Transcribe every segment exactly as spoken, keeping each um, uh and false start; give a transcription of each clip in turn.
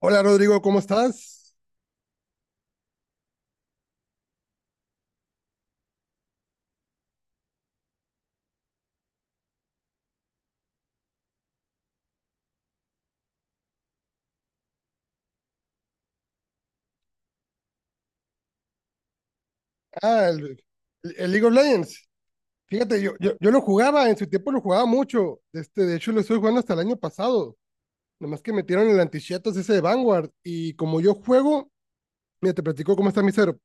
Hola Rodrigo, ¿cómo estás? Ah, el, el League of Legends. Fíjate, yo, yo, yo lo jugaba, en su tiempo lo jugaba mucho. Este, de hecho, lo estuve jugando hasta el año pasado. Nomás que metieron el antichetas ese de Vanguard. Y como yo juego, mira, te platico cómo está mi cero.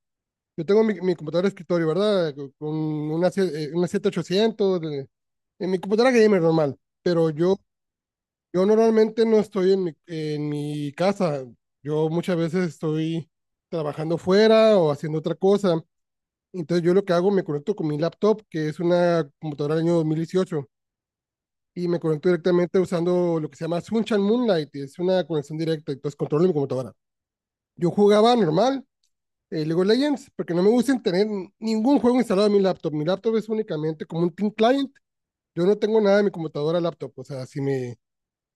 Yo tengo mi, mi computadora de escritorio, ¿verdad? Con con una, sie- eh, una siete mil ochocientos, de- en mi computadora gamer normal. Pero yo, yo normalmente no estoy en mi, en mi casa. Yo muchas veces estoy trabajando fuera o haciendo otra cosa. Entonces yo lo que hago, me conecto con mi laptop, que es una computadora del año dos mil dieciocho y me conecto directamente usando lo que se llama Sunshine Moonlight, es una conexión directa, entonces controlo mi computadora. Yo jugaba normal, eh, League of Legends, porque no me gusta tener ningún juego instalado en mi laptop. Mi laptop es únicamente como un Team Client, yo no tengo nada en mi computadora laptop, o sea, si me,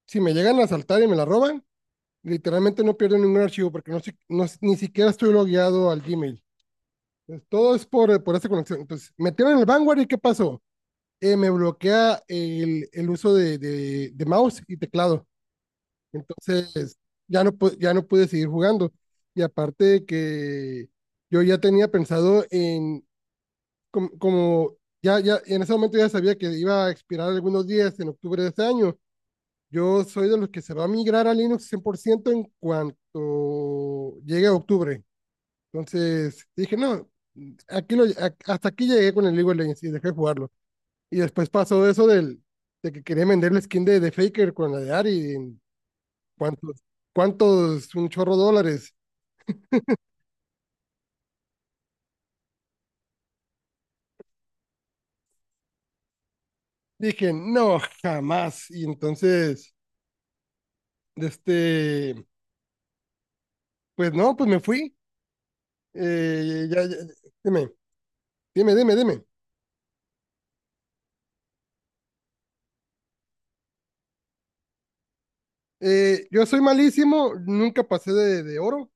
si me llegan a asaltar y me la roban, literalmente no pierdo ningún archivo, porque no, no ni siquiera estoy logueado al Gmail. Entonces, todo es por, por esa conexión. Entonces, metieron el Vanguard y ¿qué pasó? Eh, me bloquea el, el uso de, de, de mouse y teclado. Entonces, ya no, pu- ya no pude seguir jugando. Y aparte de que yo ya tenía pensado en, com- como, ya, ya, en ese momento ya sabía que iba a expirar algunos días en octubre de este año. Yo soy de los que se va a migrar a Linux cien por ciento en cuanto llegue a octubre. Entonces, dije, no, aquí lo, a- hasta aquí llegué con el League of Legends y dejé de jugarlo. Y después pasó eso del, de que quería vender la skin de, de Faker con la de Ari. ¿En cuántos? ¿Cuántos? Un chorro de dólares. Dije, no, jamás. Y entonces, de este, pues no, pues me fui. Eh, ya, ya- dime, dime, dime, dime. Eh, yo soy malísimo, nunca pasé de, de oro.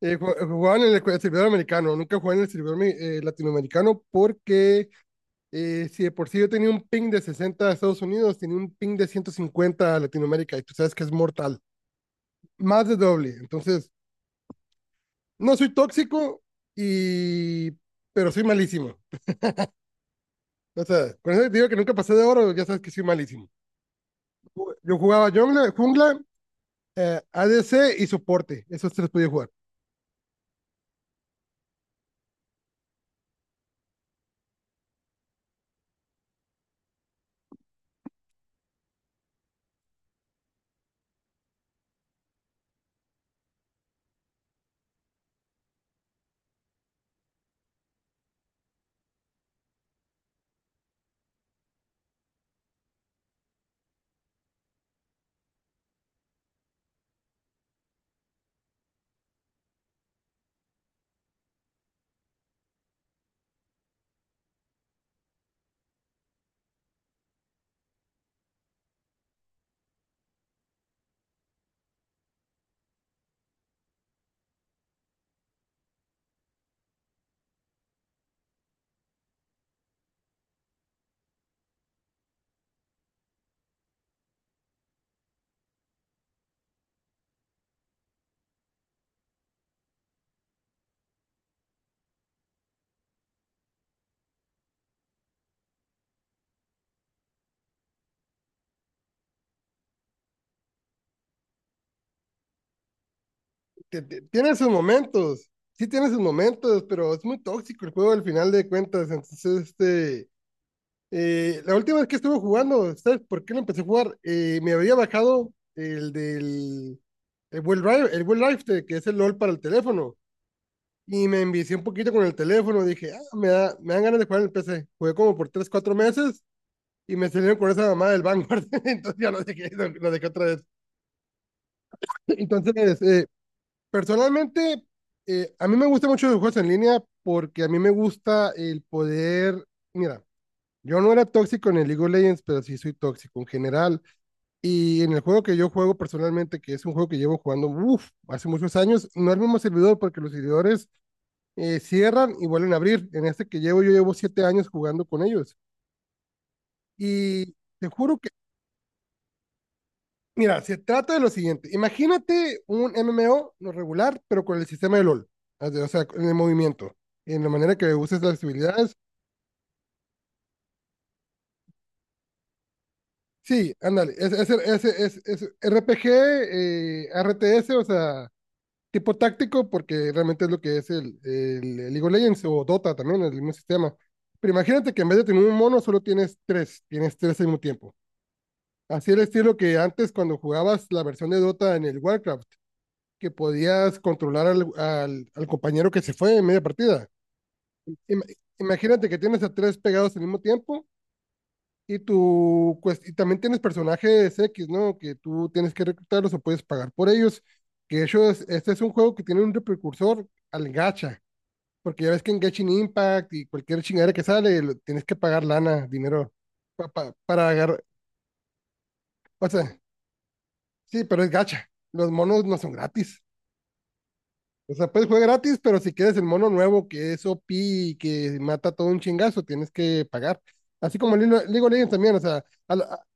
Eh, ju- jugaba en el servidor americano, nunca jugué en el servidor mi- eh, latinoamericano porque eh, si de por sí yo tenía un ping de sesenta a Estados Unidos, tenía un ping de ciento cincuenta a Latinoamérica y tú sabes que es mortal, más de doble. Entonces, no soy tóxico, y pero soy malísimo. O sea, con eso te digo que nunca pasé de oro, ya sabes que soy malísimo. Yo jugaba jungla, jungla eh, A D C y soporte, esos tres podía jugar. T- t- Tiene sus momentos, sí tiene sus momentos, pero es muy tóxico el juego al final de cuentas, entonces este eh, la última vez que estuve jugando, ¿sabes por qué lo empecé a jugar? Eh, me había bajado el del el Well Drive, el Well Life, de- que es el LOL para el teléfono. Y me envicié un poquito con el teléfono. Dije, ah, me da, me dan ganas de jugar en el P C. Jugué como por tres cuatro meses y me salieron con esa mamá del Vanguard. Entonces ya lo dejé, lo, lo dejé otra vez. Entonces, eh, personalmente, eh, a mí me gusta mucho los juegos en línea porque a mí me gusta el poder. Mira, yo no era tóxico en el League of Legends, pero sí soy tóxico en general. Y en el juego que yo juego personalmente, que es un juego que llevo jugando uf, hace muchos años, no es el mismo servidor porque los servidores eh, cierran y vuelven a abrir. En este que llevo, yo llevo siete años jugando con ellos. Y te juro que, mira, se trata de lo siguiente. Imagínate un M M O no regular, pero con el sistema de LOL. O sea, en el movimiento, en la manera que uses las habilidades. Sí, ándale, es, es, es, es R P G, eh, R T S, o sea, tipo táctico, porque realmente es lo que es el, el, el League of Legends o Dota también, el mismo sistema. Pero imagínate que en vez de tener un mono, solo tienes tres, tienes tres al mismo tiempo. Así el estilo que antes cuando jugabas la versión de Dota en el Warcraft, que podías controlar al, al, al compañero que se fue en media partida. Ima- Imagínate que tienes a tres pegados al mismo tiempo y, tu, cuest- y también tienes personajes X, ¿no? Que tú tienes que reclutarlos o puedes pagar por ellos. Que ellos, este es un juego que tiene un precursor al gacha. Porque ya ves que en Genshin Impact y cualquier chingadera que sale, lo- tienes que pagar lana, dinero, pa- pa- para agarrar. O sea, sí, pero es gacha. Los monos no son gratis. O sea, puedes jugar gratis, pero si quieres el mono nuevo que es O P y que mata todo un chingazo, tienes que pagar. Así como Lilo- League of Legends también, o sea, a la- a-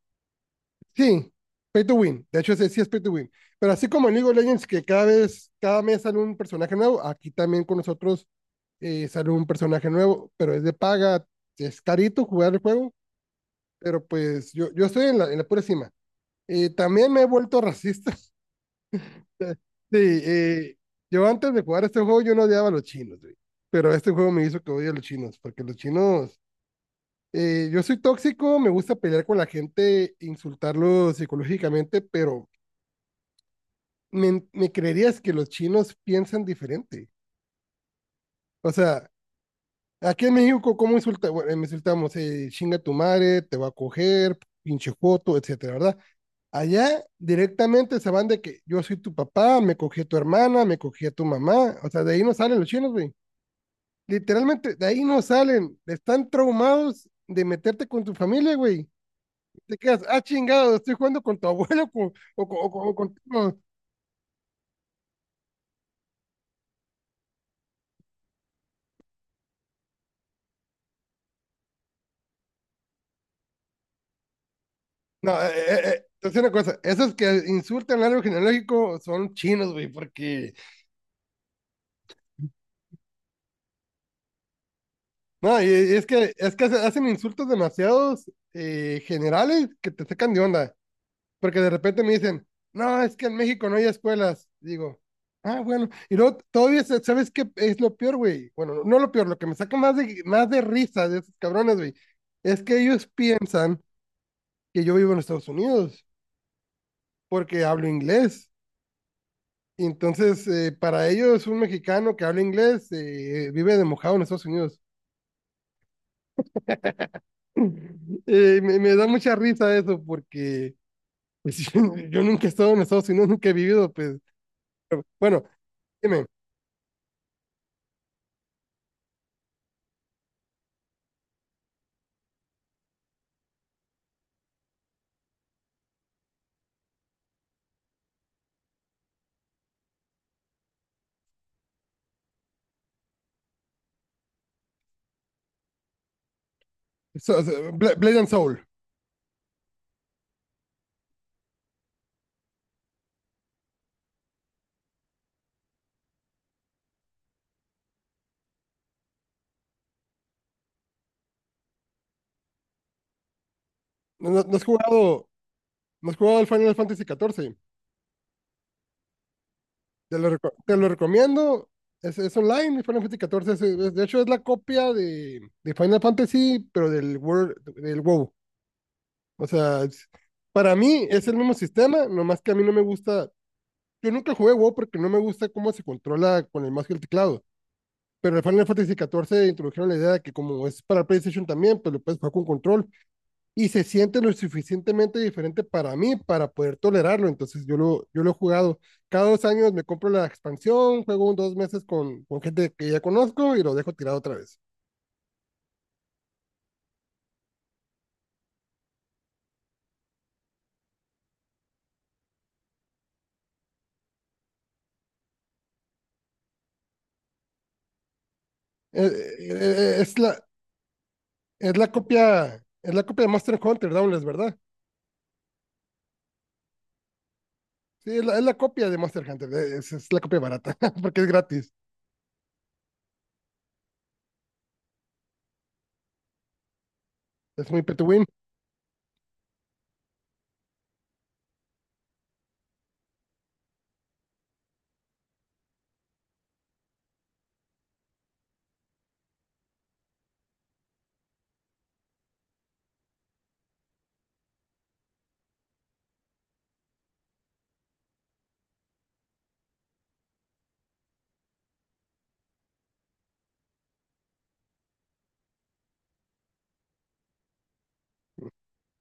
sí, pay to win. De hecho, ese sí es pay to win. Pero así como en League of Legends, que cada vez, cada mes sale un personaje nuevo, aquí también con nosotros eh, sale un personaje nuevo, pero es de paga. Es carito jugar el juego pero pues yo, yo estoy en la, en la pura cima. Eh, también me he vuelto racista. Sí, eh, yo antes de jugar este juego yo no odiaba a los chinos, güey. Pero este juego me hizo que odie a los chinos, porque los chinos, eh, yo soy tóxico, me gusta pelear con la gente, insultarlos psicológicamente, pero me, me creerías que los chinos piensan diferente. O sea, aquí en México, ¿cómo insulta? Bueno, me insultamos, eh, chinga tu madre, te va a coger, pinche joto, etcétera, ¿verdad? Allá directamente se van de que yo soy tu papá, me cogí a tu hermana, me cogí a tu mamá. O sea, de ahí no salen los chinos, güey. Literalmente, de ahí no salen. Están traumados de meterte con tu familia, güey. Te quedas, ah, chingado, estoy jugando con tu abuelo con- o, con- o con- o con... No, no, eh, eh, eh, te voy a decir una cosa, esos que insultan al árbol genealógico son chinos, güey, porque... No, y y es que, es que hace- hacen insultos demasiados eh, generales que te sacan de onda, porque de repente me dicen, no, es que en México no hay escuelas. Digo, ah, bueno, y luego todavía, se- ¿sabes qué es lo peor, güey? Bueno, no no lo peor, lo que me saca más de, más de risa de esos cabrones, güey, es que ellos piensan que yo vivo en Estados Unidos, porque hablo inglés. Y entonces, eh, para ellos, un mexicano que habla inglés eh, vive de mojado en Estados Unidos. Eh, me, me da mucha risa eso porque pues yo, yo nunca he estado en Estados Unidos, nunca he vivido, pues. Bueno, dime, so- so- Bla- Blade and Soul. ¿No, no- no has jugado, no has jugado al Final Fantasy catorce? Te lo, reco- te lo recomiendo. Es, es online, el Final Fantasy catorce. Es- es- de hecho, es la copia de, de Final Fantasy, pero del World, del WoW. O sea, es- para mí es el mismo sistema, nomás que a mí no me gusta. Yo nunca jugué WoW porque no me gusta cómo se controla con el mouse y el teclado. Pero en Final Fantasy catorce introdujeron la idea de que como es para PlayStation también, pues lo puedes jugar con control y se siente lo suficientemente diferente para mí para poder tolerarlo. Entonces yo lo, yo lo he jugado. Cada dos años me compro la expansión, juego un dos meses con, con gente que ya conozco y lo dejo tirado otra vez. Eh, eh, es, la, es la copia es la copia de Monster Hunter Downless, ¿verdad? Sí, es la, es la copia de Monster Hunter. Es, es la copia barata porque es gratis. Es muy pay to win.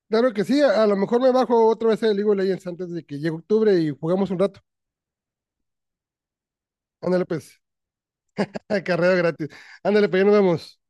Claro que sí, a, a lo mejor me bajo otra vez el League of Legends antes de que llegue octubre y jugamos un rato. Ándale pues, carrera gratis. Ándale pues, ya nos vemos.